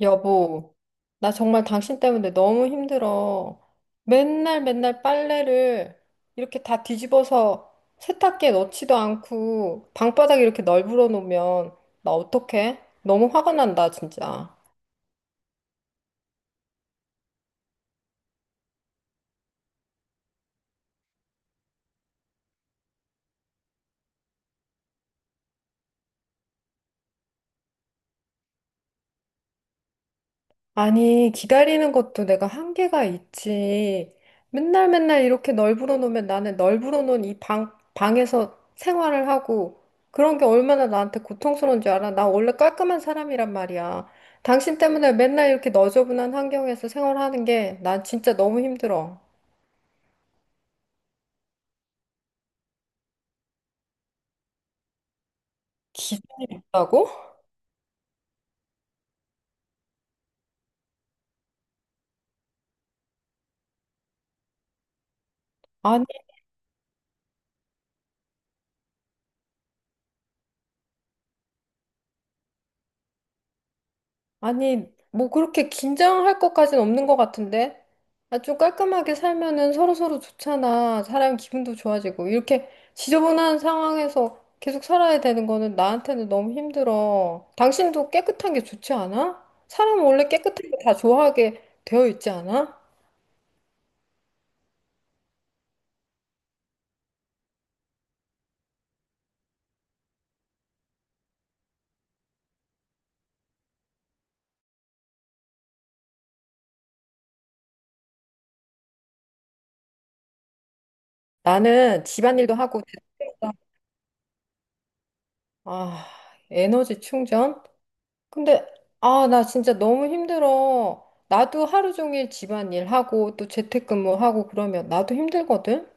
여보, 나 정말 당신 때문에 너무 힘들어. 맨날 맨날 빨래를 이렇게 다 뒤집어서 세탁기에 넣지도 않고 방바닥에 이렇게 널브러 놓으면 나 어떡해? 너무 화가 난다, 진짜. 아니, 기다리는 것도 내가 한계가 있지. 맨날 맨날 이렇게 널브러 놓으면 나는 널브러 놓은 이 방에서 생활을 하고 그런 게 얼마나 나한테 고통스러운 줄 알아? 나 원래 깔끔한 사람이란 말이야. 당신 때문에 맨날 이렇게 너저분한 환경에서 생활하는 게 난 진짜 너무 힘들어. 기죽다고? 아니, 뭐 그렇게 긴장할 것까진 없는 것 같은데? 아, 좀 깔끔하게 살면은 서로서로 좋잖아. 사람 기분도 좋아지고. 이렇게 지저분한 상황에서 계속 살아야 되는 거는 나한테는 너무 힘들어. 당신도 깨끗한 게 좋지 않아? 사람은 원래 깨끗한 거 다 좋아하게 되어 있지 않아? 나는 집안일도 하고, 됐다. 아, 에너지 충전? 근데, 아, 나 진짜 너무 힘들어. 나도 하루 종일 집안일 하고 또 재택근무하고 그러면 나도 힘들거든?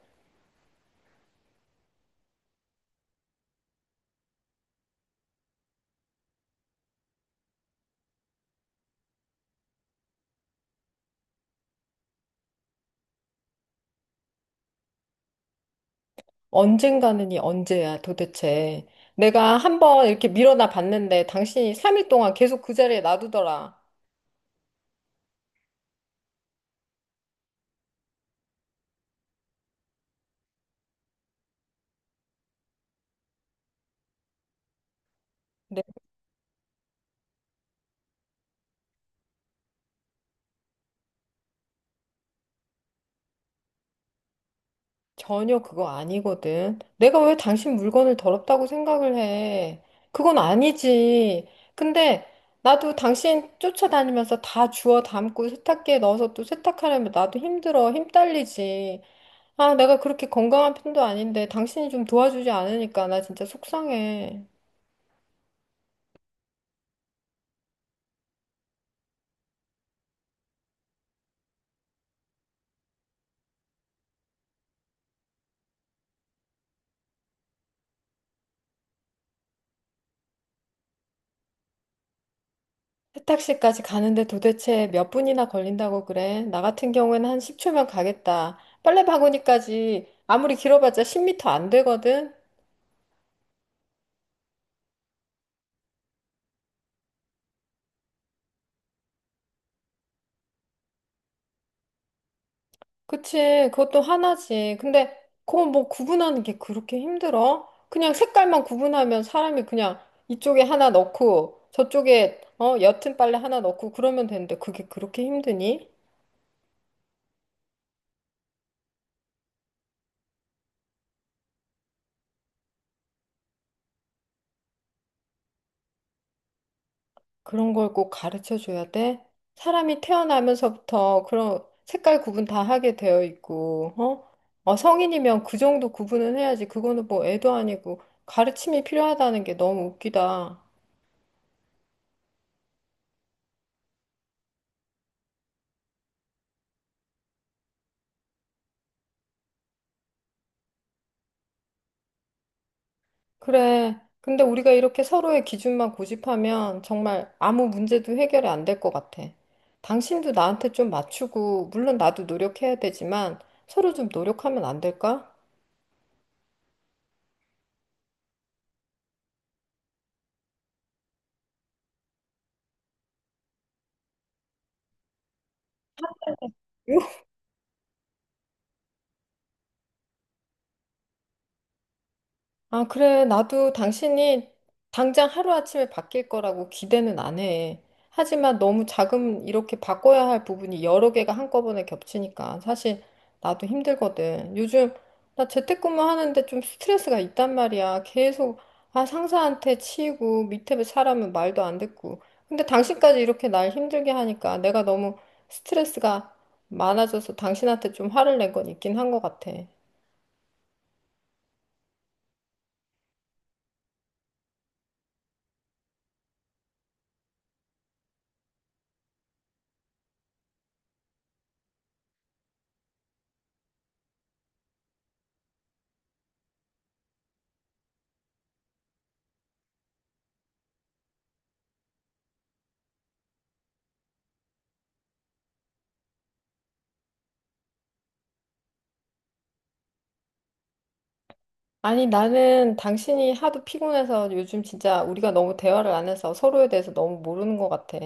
언젠가는 이 언제야 도대체. 내가 한번 이렇게 밀어나 봤는데 당신이 3일 동안 계속 그 자리에 놔두더라. 근데 전혀 그거 아니거든. 내가 왜 당신 물건을 더럽다고 생각을 해? 그건 아니지. 근데 나도 당신 쫓아다니면서 다 주워 담고 세탁기에 넣어서 또 세탁하려면 나도 힘들어. 힘 딸리지. 아, 내가 그렇게 건강한 편도 아닌데 당신이 좀 도와주지 않으니까 나 진짜 속상해. 세탁실까지 가는데 도대체 몇 분이나 걸린다고 그래? 나 같은 경우에는 한 10초면 가겠다. 빨래 바구니까지 아무리 길어봤자 10m 안 되거든? 그치, 그것도 하나지. 근데 그거 뭐 구분하는 게 그렇게 힘들어? 그냥 색깔만 구분하면 사람이 그냥 이쪽에 하나 넣고 저쪽에 옅은 빨래 하나 넣고 그러면 되는데 그게 그렇게 힘드니? 그런 걸 꼭 가르쳐 줘야 돼? 사람이 태어나면서부터 그런 색깔 구분 다 하게 되어 있고, 어? 성인이면 그 정도 구분은 해야지. 그거는 뭐 애도 아니고 가르침이 필요하다는 게 너무 웃기다. 그래. 근데 우리가 이렇게 서로의 기준만 고집하면 정말 아무 문제도 해결이 안 될 것 같아. 당신도 나한테 좀 맞추고, 물론 나도 노력해야 되지만 서로 좀 노력하면 안 될까? 아, 그래. 나도 당신이 당장 하루아침에 바뀔 거라고 기대는 안 해. 하지만 너무 작은 이렇게 바꿔야 할 부분이 여러 개가 한꺼번에 겹치니까 사실 나도 힘들거든. 요즘 나 재택근무 하는데 좀 스트레스가 있단 말이야. 계속 상사한테 치이고 밑에 사람은 말도 안 듣고. 근데 당신까지 이렇게 날 힘들게 하니까 내가 너무 스트레스가 많아져서 당신한테 좀 화를 낸 건 있긴 한 것 같아. 아니, 나는 당신이 하도 피곤해서 요즘 진짜 우리가 너무 대화를 안 해서 서로에 대해서 너무 모르는 것 같아.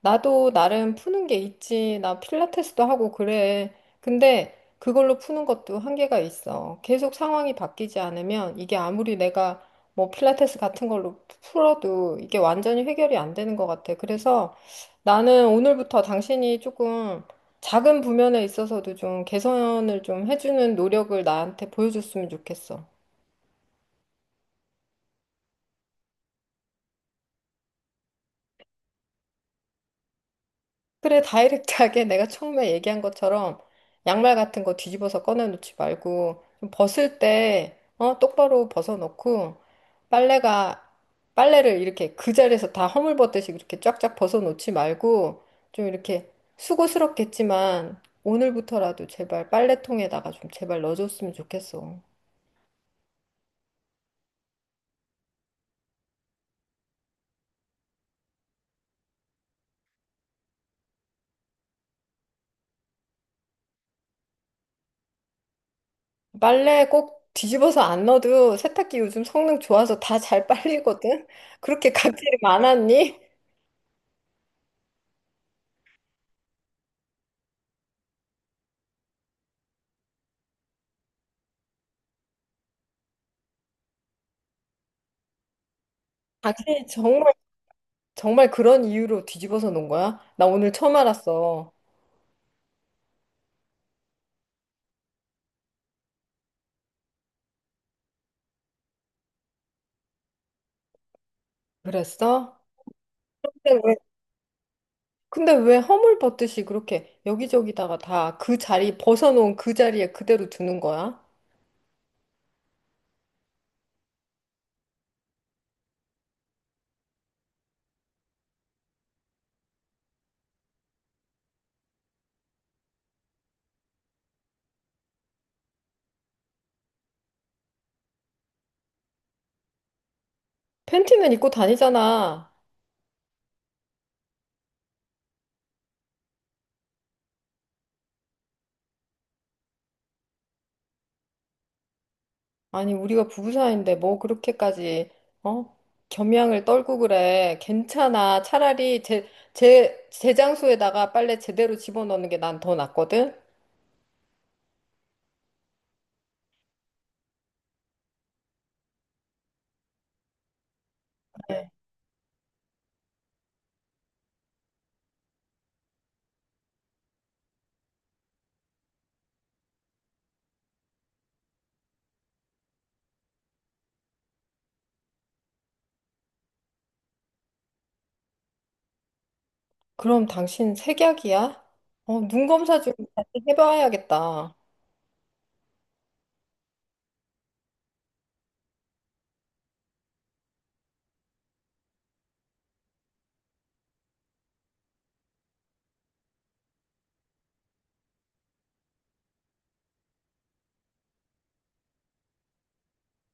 나도 나름 푸는 게 있지. 나 필라테스도 하고 그래. 근데 그걸로 푸는 것도 한계가 있어. 계속 상황이 바뀌지 않으면 이게 아무리 내가 뭐 필라테스 같은 걸로 풀어도 이게 완전히 해결이 안 되는 것 같아. 그래서 나는 오늘부터 당신이 조금 작은 부면에 있어서도 좀 개선을 좀 해주는 노력을 나한테 보여줬으면 좋겠어. 그래, 다이렉트하게 내가 처음에 얘기한 것처럼 양말 같은 거 뒤집어서 꺼내놓지 말고 좀 벗을 때 똑바로 벗어놓고 빨래가 빨래를 이렇게 그 자리에서 다 허물벗듯이 이렇게 쫙쫙 벗어놓지 말고 좀 이렇게 수고스럽겠지만 오늘부터라도 제발 빨래통에다가 좀 제발 넣어줬으면 좋겠어. 빨래 꼭 뒤집어서 안 넣어도 세탁기 요즘 성능 좋아서 다 잘 빨리거든? 그렇게 각질이 많았니? 각질이 정말 정말 그런 이유로 뒤집어서 놓은 거야? 나 오늘 처음 알았어. 그랬어? 근데 왜, 근데 왜 허물 벗듯이 그렇게 여기저기다가 다 그 자리, 벗어놓은 그 자리에 그대로 두는 거야? 팬티는 입고 다니잖아. 아니, 우리가 부부 사이인데 뭐 그렇게까지, 어? 겸양을 떨고 그래. 괜찮아. 차라리 제 장소에다가 빨래 제대로 집어넣는 게 난 더 낫거든? 네. 그럼 당신 색약이야? 눈 검사 좀 다시 해봐야겠다.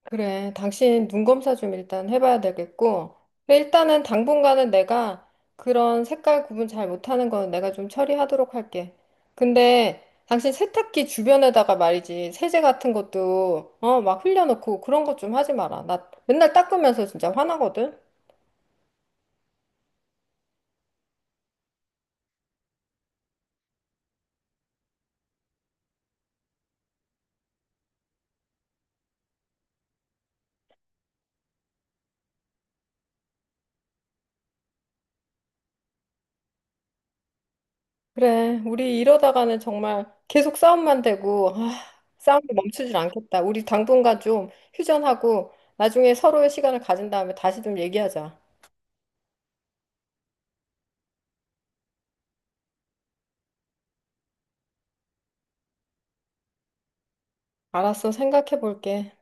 그래, 당신 눈 검사 좀 일단 해봐야 되겠고. 그래, 일단은 당분간은 내가 그런 색깔 구분 잘 못하는 건 내가 좀 처리하도록 할게. 근데 당신 세탁기 주변에다가 말이지, 세제 같은 것도, 막 흘려놓고 그런 것 좀 하지 마라. 나 맨날 닦으면서 진짜 화나거든? 그래, 우리 이러다가는 정말 계속 싸움만 되고, 아, 싸움이 멈추질 않겠다. 우리 당분간 좀 휴전하고, 나중에 서로의 시간을 가진 다음에 다시 좀 얘기하자. 알았어, 생각해 볼게.